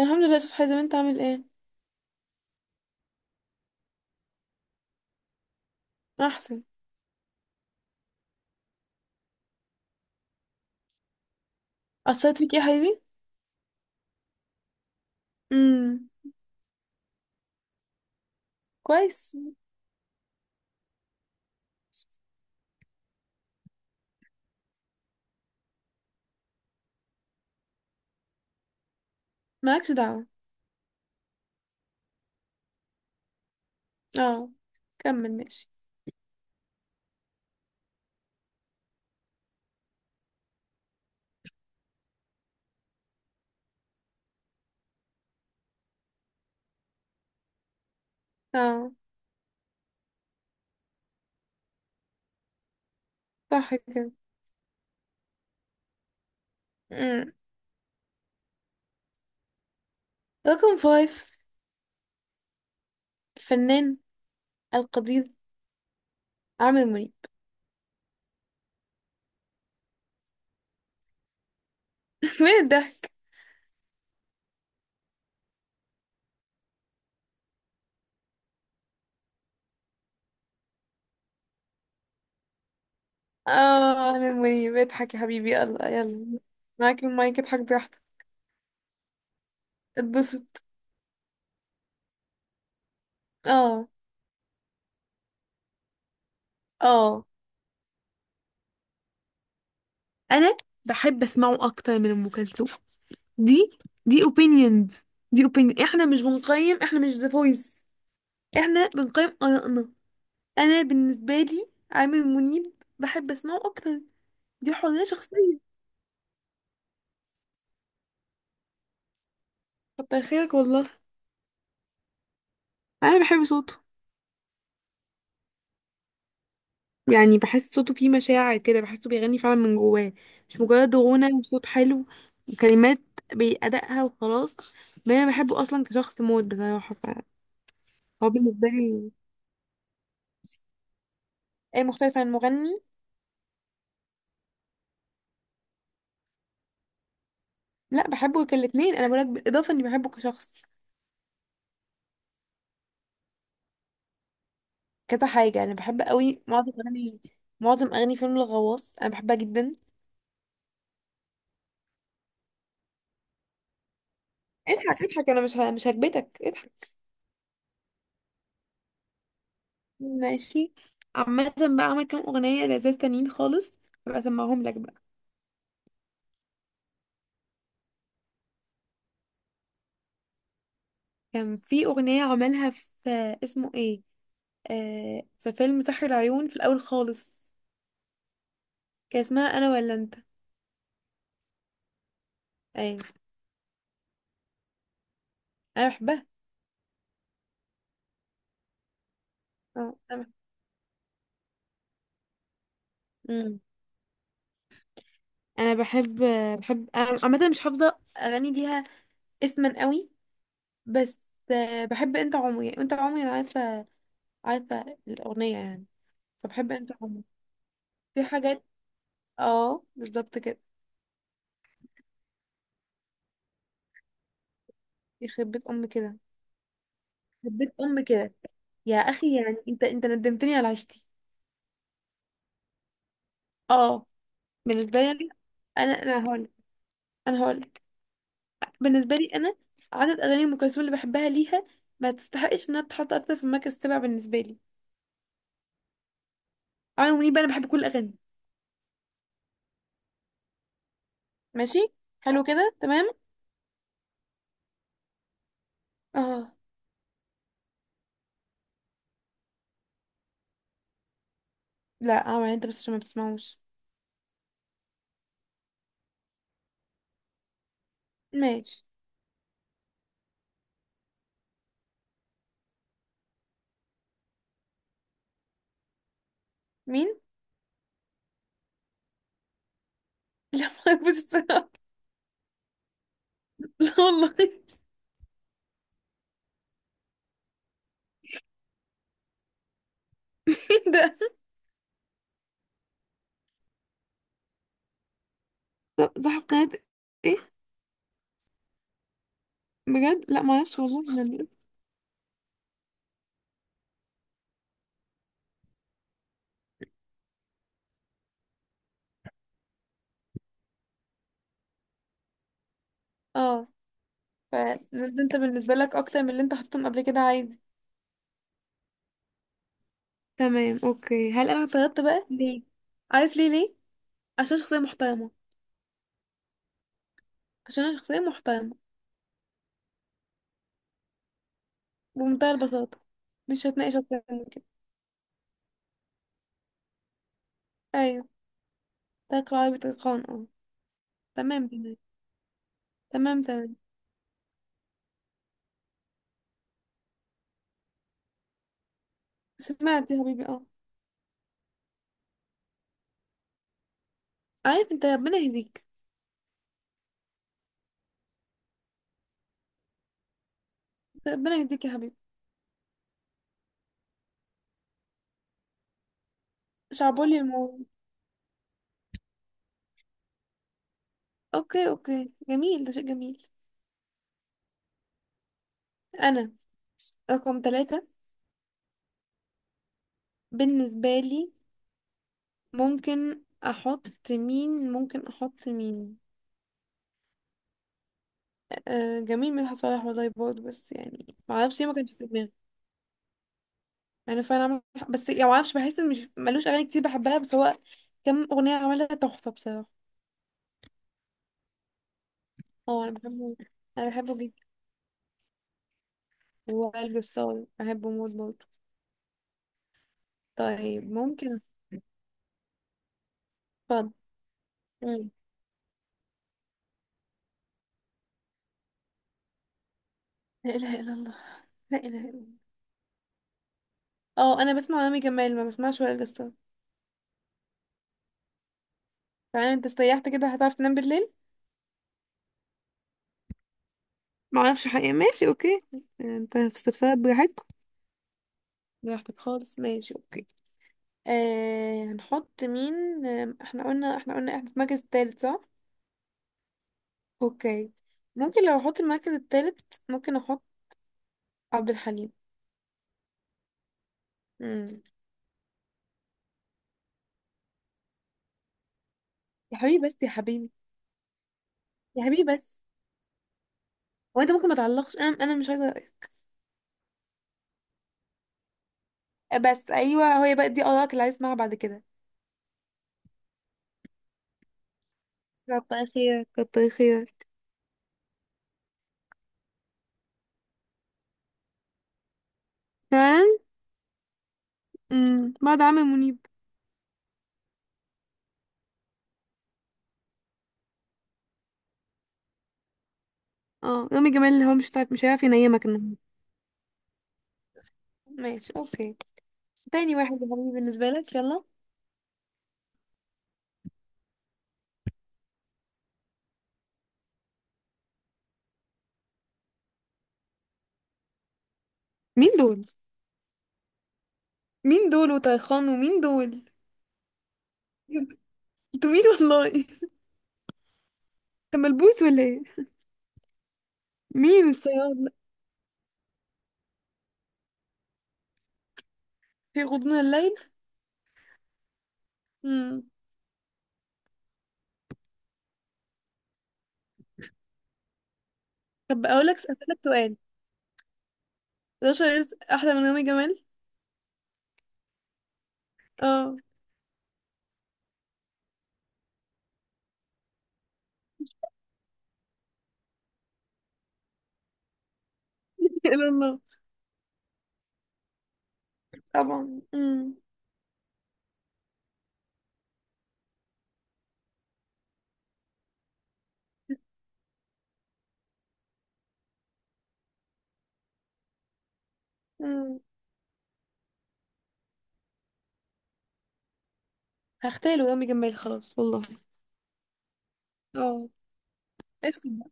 الحمد لله يا استاذ حازم، انت عامل ايه؟ احسن. قصيت فيك ايه يا حبيبي؟ امم. كويس. مالكش دعوه. اه، كمل ماشي. اه، صح كده. امم رقم فايف الفنان القدير عامر منيب. مين الضحك؟ اه، عامر منيب. اضحك يا حبيبي، يلا يلا، معاك المايك، اضحك براحتك، اتبسط. اه. اه، انا بحب اسمعه اكتر من ام كلثوم. دي دي opinions. دي opinion، احنا مش بنقيم، احنا مش ذا فويس، احنا بنقيم آرائنا. انا بالنسبة لي عامر منيب بحب اسمعه اكتر. دي حرية شخصية. كتر خيرك والله. انا بحب صوته. يعني بحس صوته فيه مشاعر كده، بحسه بيغني فعلا من جواه، مش مجرد غنى وصوت حلو وكلمات بأدائها وخلاص. ما انا بحبه اصلا كشخص موت بصراحة. فهو بالنسبة لي ايه مختلف عن المغني؟ لا، بحبه كالاتنين، انا بقولك بالاضافة اني بحبه كشخص. كذا حاجة، انا بحب قوي معظم اغاني فيلم الغواص انا بحبها جدا. اضحك اضحك، انا مش هكبتك، اضحك. ماشي. عامة بقى عمل كام اغنية لذيذ تانيين خالص، هبقى اسمعهم لك بقى. كان في اغنية عملها في، اسمه ايه؟ في فيلم سحر العيون في الاول خالص. كان اسمها انا ولا انت. ايوه، انا بحبها. اه، انا بحب. مم. انا بحب بحب انا عامة مش حافظة اغاني ليها اسما قوي. بس بحب انت عمري، انت عمري انا عارفة الاغنية يعني. فبحب انت عمري. في حاجات. اه بالظبط كده. يخرب بيت ام كده. حبيت ام كده. يا اخي، يعني انت ندمتني على عيشتي. اه، بالنسبه لي. انا هقول. انا هقول بالنسبه لي انا عدد اغاني ام كلثوم اللي بحبها ليها ما تستحقش انها تتحط اكتر في المركز السابع بالنسبه لي. عمرو منيب بقى انا بحب كل الاغاني. ماشي، حلو كده تمام. اه، لا، عمرو انت بس عشان ما بتسمعوش. ماشي. مين؟ لا، ما اعرفش الصراحه. لا والله. مين ده؟ صاحب قناه ايه؟ بجد لا، ما اعرفش والله، يعني. اه. فده انت بالنسبة لك اكتر من اللي انت حطيتهم قبل كده، عادي. تمام اوكي. هل انا اعترضت بقى ليه؟ عارف ليه؟ ليه؟ عشان شخصية محترمة. عشان انا شخصية محترمة بمنتهى البساطة. مش هتناقش اكتر من كده. ايوه. تلقى عربي تلقان، اه. تمام تمام. تمام تمام. سمعت يا حبيبي، اه. عارف انت، ربنا يهديك. ربنا يهديك يا حبيبي. شعبولي الموضوع. اوكي اوكي، جميل، ده شيء جميل. انا رقم ثلاثة بالنسبة لي ممكن احط مين؟ ممكن احط مين؟ آه جميل، مدحت صالح والله برضه، بس يعني ما اعرفش ليه ما كانش في دماغي. انا فعلا بس يعني ما اعرفش، بحس ان مش، ملوش اغاني كتير بحبها، بس هو كم اغنيه عملها تحفه بصراحه. اه، انا بحبه. انا بحبه جدا. وائل جسار بحبه موت برضه. طيب ممكن. اتفضل. مم. لا اله الا الله. لا اله الا الله. اه، انا بسمع رامي جمال ما بسمعش وائل جسار. فعلا انت استريحت كده، هتعرف تنام بالليل. ما اعرفش حقيقة. ماشي اوكي. انت في استفسارات براحتك، براحتك خالص. ماشي اوكي. هنحط مين؟ احنا قلنا، احنا في المركز التالت صح؟ اوكي. ممكن لو احط المركز التالت، ممكن احط عبد الحليم. مم. يا حبيبي بس، يا حبيبي، يا حبيبي بس، هو انت ممكن ما تعلقش، انا مش عايزه. بس ايوه، هو بقى دي ارائك اللي عايز اسمعها بعد كده. كتر خيرك كتر خيرك. فعلا. بعد عامر منيب. اه، رامي جمال اللي هو مش هيعرف ينيمك النهارده. ماشي اوكي. تاني واحد يا حبيبي بالنسبه لك، يلا. مين دول؟ مين دول وطيخان ومين دول؟ انتوا مين والله. ده ملبوس ولا ايه؟ مين الصياد في غضون الليل؟ امم. طب اقول لك، اسالك سؤال، 11 احلى من يوم جمال؟ اه. الى الله. طبعا. امم هختاله يوم جمال خلاص والله. اه. اسكت بقى،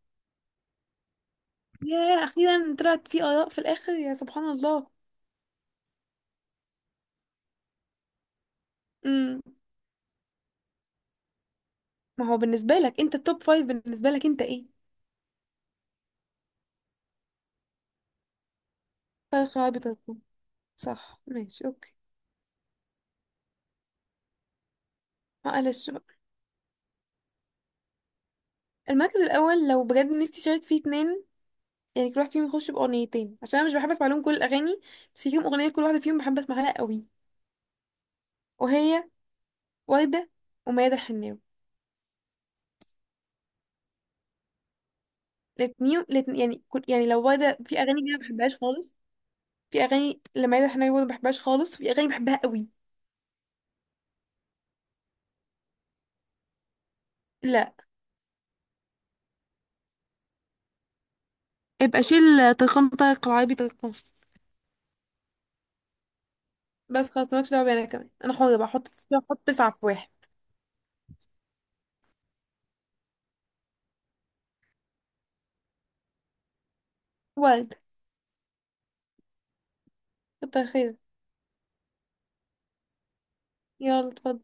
يا، اخيرا طلعت في اراء في الاخر، يا سبحان الله. امم. ما هو بالنسبه لك انت، التوب فايف بالنسبه لك انت ايه؟ فرق عربي تركم. صح، ماشي، اوكي. معلش بقى. المركز الاول لو بجد نفسي اشارك فيه اتنين، يعني كل واحد فيهم يخش بأغنيتين عشان أنا مش بحب أسمع لهم كل الأغاني، بس فيهم أغنية كل واحدة فيهم بحب أسمع لها قوي. وهي وردة وميادة الحناوي. الاتنين الاتنين، يعني كل يعني لو وردة في أغاني كده ما بحبهاش خالص. في أغاني لميادة الحناوي برضه ما بحبهاش خالص وفي أغاني بحبها قوي. لا. يبقى شيل طرق العربي طرقان. بس خلاص، مالكش دعوة بيا، أنا كمان أنا حرة بقى أحط تسعة في واحد. وردة. كتر خير. يلا اتفضل.